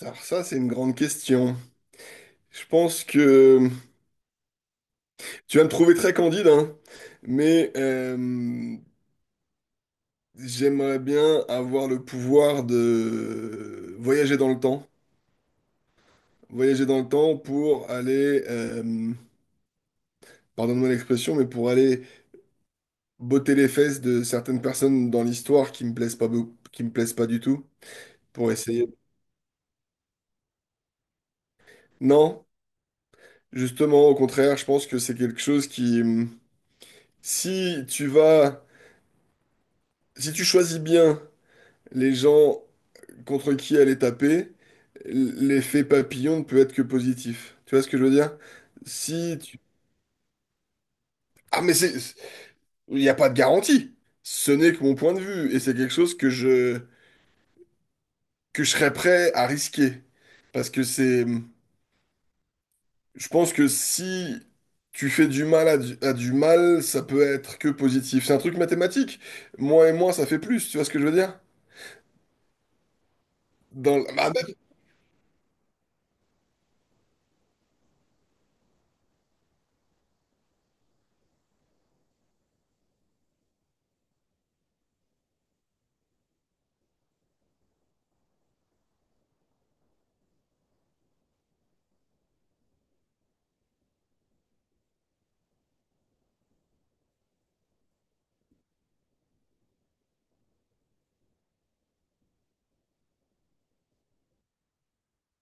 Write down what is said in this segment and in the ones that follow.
Alors ça, c'est une grande question. Je pense que tu vas me trouver très candide, hein, mais j'aimerais bien avoir le pouvoir de voyager dans le temps. Voyager dans le temps pour aller, pardonne-moi l'expression, mais pour aller botter les fesses de certaines personnes dans l'histoire qui me plaisent pas, qui me plaisent pas du tout, pour essayer. Non, justement, au contraire, je pense que c'est quelque chose qui, si tu vas, si tu choisis bien les gens contre qui elle est tapée, l'effet papillon ne peut être que positif. Tu vois ce que je veux dire? Si tu... Ah, mais c'est... Il n'y a pas de garantie. Ce n'est que mon point de vue. Et c'est quelque chose que je serais prêt à risquer. Parce que c'est... Je pense que si tu fais du mal à à du mal, ça peut être que positif. C'est un truc mathématique. Moins et moins, ça fait plus. Tu vois ce que je veux dire? Dans... Ah, bah,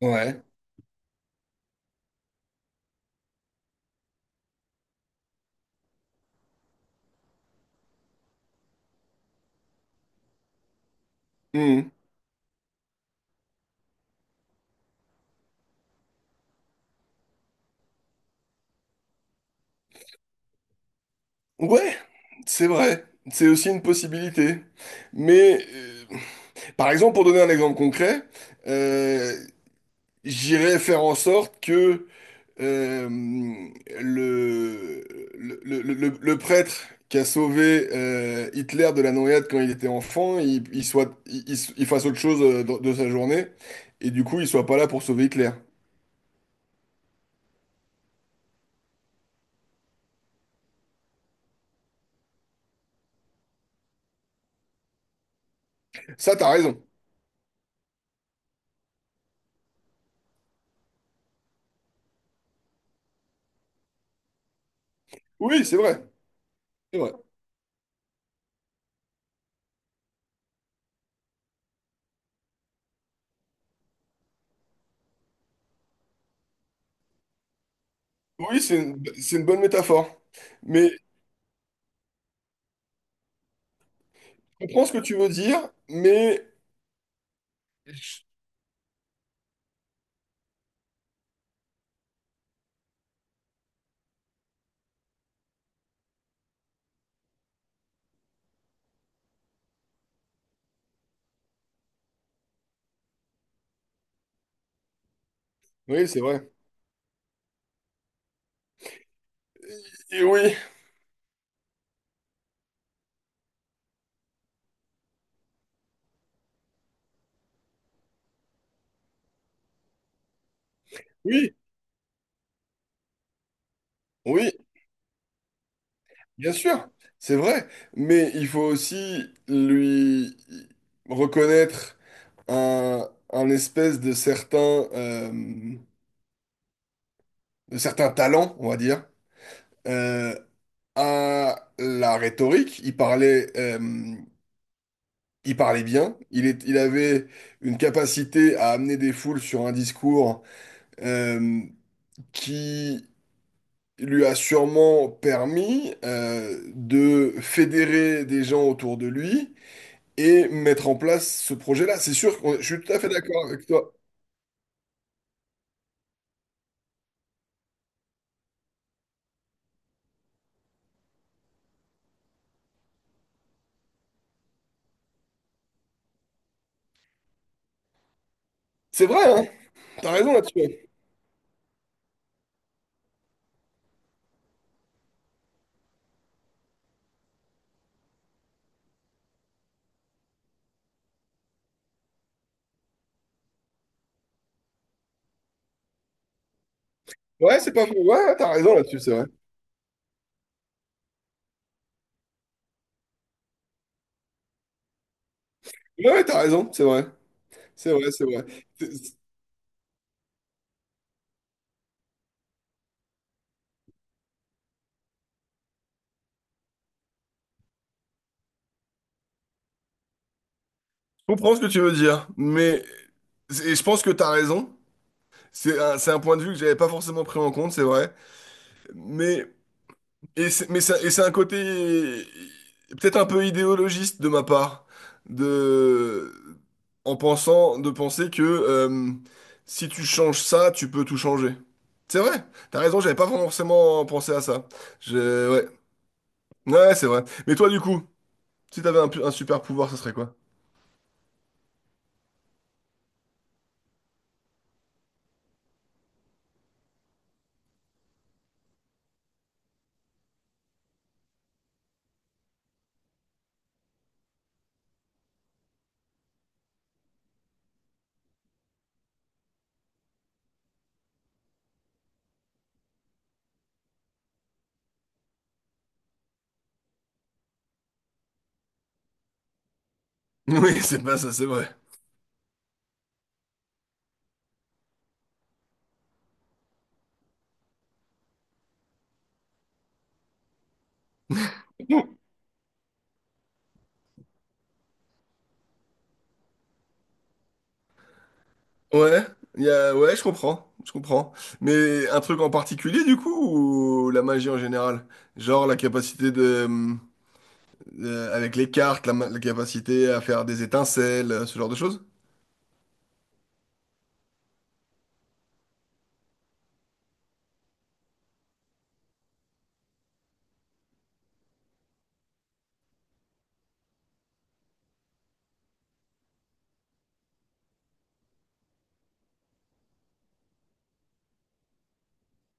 ouais. Ouais, c'est vrai, c'est aussi une possibilité. Mais par exemple, pour donner un exemple concret, euh, j'irais faire en sorte que euh, le, le prêtre qui a sauvé Hitler de la noyade quand il était enfant, il soit, il fasse autre chose de sa journée, et du coup, il soit pas là pour sauver Hitler. Ça, t'as raison. Oui, c'est vrai. C'est vrai. Oui, c'est une bonne métaphore. Mais je comprends ce que tu veux dire, mais... Oui, c'est vrai. Et oui, oui, oui, bien sûr, c'est vrai. Mais il faut aussi lui reconnaître un espèce de euh, de certain talent, on va dire, euh, à la rhétorique. Il parlait, il parlait bien. Il avait une capacité à amener des foules sur un discours euh, qui lui a sûrement permis de fédérer des gens autour de lui et mettre en place ce projet-là. C'est sûr que je suis tout à fait d'accord avec toi. C'est vrai, hein? T'as raison là-dessus. Ouais, c'est pas faux. Ouais, ouais, t'as raison là-dessus, c'est vrai. Ouais, ouais, t'as raison, c'est vrai. C'est vrai, c'est vrai. C'est- c'est- Je comprends ce que tu veux dire, mais et je pense que t'as raison. C'est un point de vue que j'avais pas forcément pris en compte, c'est vrai. Mais et c'est, mais ça, et c'est un côté peut-être un peu idéologiste de ma part, de, en pensant, de penser que si tu changes ça, tu peux tout changer. C'est vrai, t'as raison, j'avais pas forcément pensé à ça. Je, ouais, ouais, c'est vrai. Mais toi, du coup, si t'avais un, un super pouvoir, ça serait quoi? Oui, c'est pas ça, c'est vrai. Ouais, y a, ouais, je comprends, je comprends. Mais un truc en particulier, du coup, ou la magie en général? Genre la capacité de, avec les cartes, la capacité à faire des étincelles, ce genre de choses.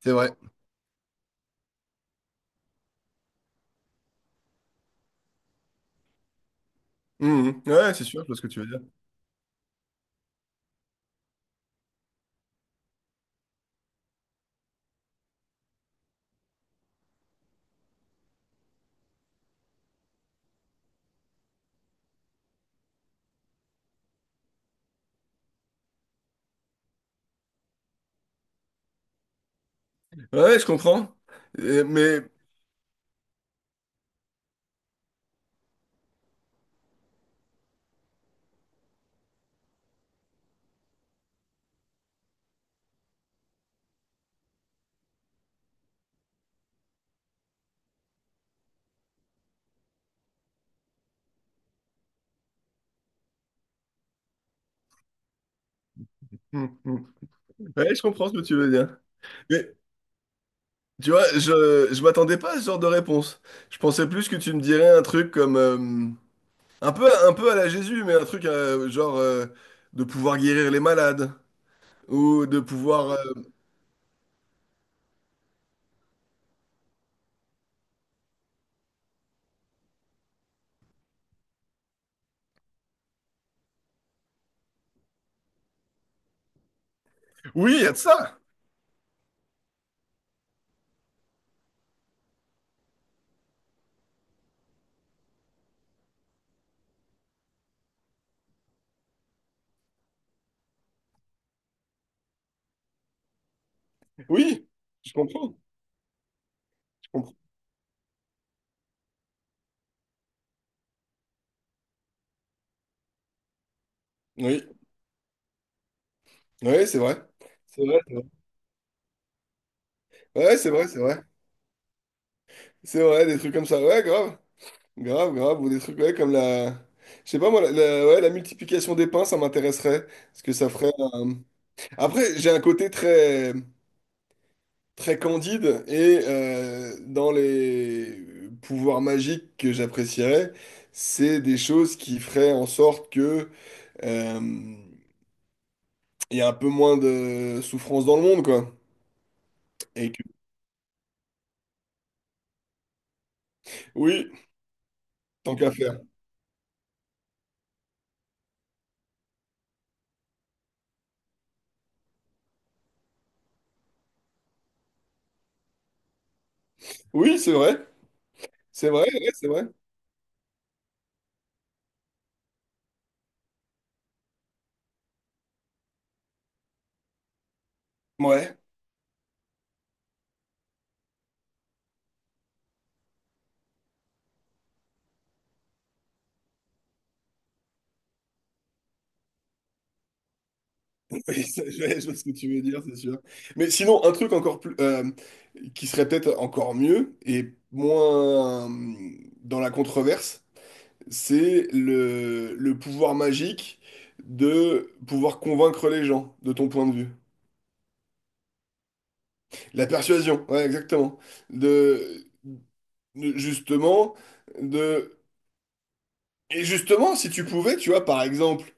C'est vrai. Mhm. Ouais, c'est sûr, je vois ce que tu veux dire. Ouais, je comprends. Mais... Mhm. Ouais, je comprends ce que tu veux dire. Mais tu vois, je m'attendais pas à ce genre de réponse. Je pensais plus que tu me dirais un truc comme... un peu à la Jésus, mais un truc genre de pouvoir guérir les malades. Ou de pouvoir... Oui, il y a de ça. Oui, je comprends. Je comprends. Oui, oui, c'est vrai. C'est vrai, c'est vrai. Ouais, c'est vrai, c'est vrai. C'est vrai, des trucs comme ça. Ouais, grave. Grave, grave. Ou des trucs, ouais, comme la... Je sais pas, moi, ouais, la multiplication des pains, ça m'intéresserait. Parce que ça ferait un- Après, j'ai un côté très, très candide et dans les pouvoirs magiques que j'apprécierais, c'est des choses qui feraient en sorte que euh, il y a un peu moins de souffrance dans le monde, quoi. Et que... Oui, tant qu'à faire. Oui, c'est vrai. C'est vrai, ouais, c'est vrai. Ouais. Oui, ça, je vois ce que tu veux dire, c'est sûr. Mais sinon, un truc encore plus, qui serait peut-être encore mieux et moins dans la controverse, c'est le pouvoir magique de pouvoir convaincre les gens, de ton point de vue. La persuasion, ouais, exactement. De, de- justement, de... Et justement, si tu pouvais, tu vois, par exemple,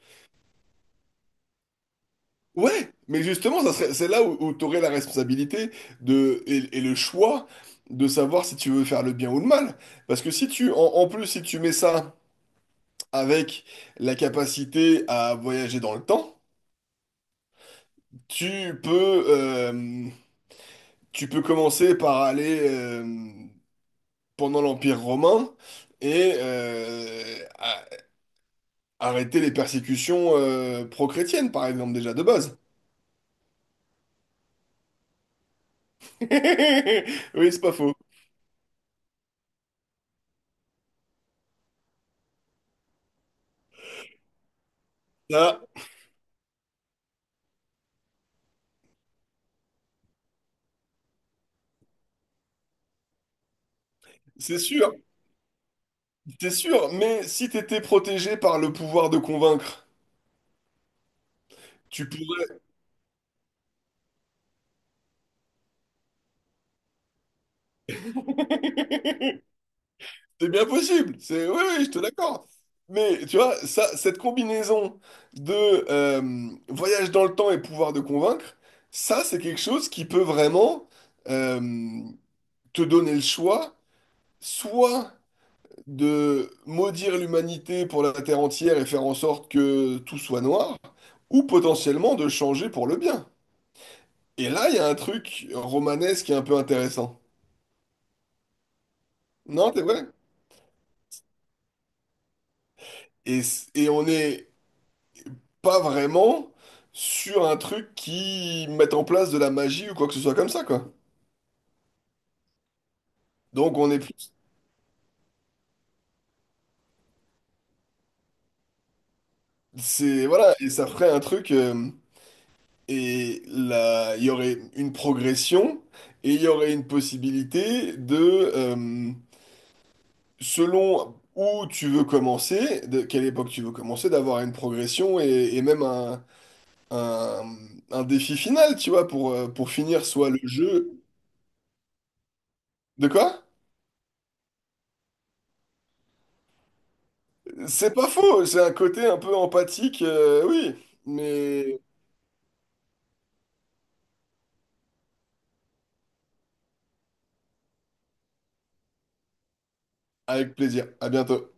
ouais, mais justement, ça serait, c'est là où, tu aurais la responsabilité de, et le choix de savoir si tu veux faire le bien ou le mal. Parce que si tu, en, en plus, si tu mets ça avec la capacité à voyager dans le temps, tu peux, tu peux commencer par aller pendant l'Empire romain et arrêter les persécutions pro-chrétiennes, par exemple, déjà de base. Oui, c'est pas faux. Ça, c'est sûr. T'es sûr, mais si t'étais protégé par le pouvoir de convaincre, tu pourrais. C'est bien possible. C'est oui, oui, je te l'accorde. Mais tu vois, ça, cette combinaison de voyage dans le temps et pouvoir de convaincre, ça, c'est quelque chose qui peut vraiment euh, te donner le choix, soit de maudire l'humanité pour la terre entière et faire en sorte que tout soit noir, ou potentiellement de changer pour le bien. Et là, il y a un truc romanesque qui est un peu intéressant. Non, c'est vrai. Et on n'est pas vraiment sur un truc qui mette en place de la magie ou quoi que ce soit comme ça, quoi. Donc on est plus... C'est... Voilà, et ça ferait un truc... et là, il y aurait une progression et il y aurait une possibilité de... euh, selon où tu veux commencer, de quelle époque tu veux commencer, d'avoir une progression et même un, un défi final, tu vois, pour, pour finir soit le jeu... De quoi? C'est pas faux, c'est un côté un peu empathique, oui, mais avec plaisir. À bientôt.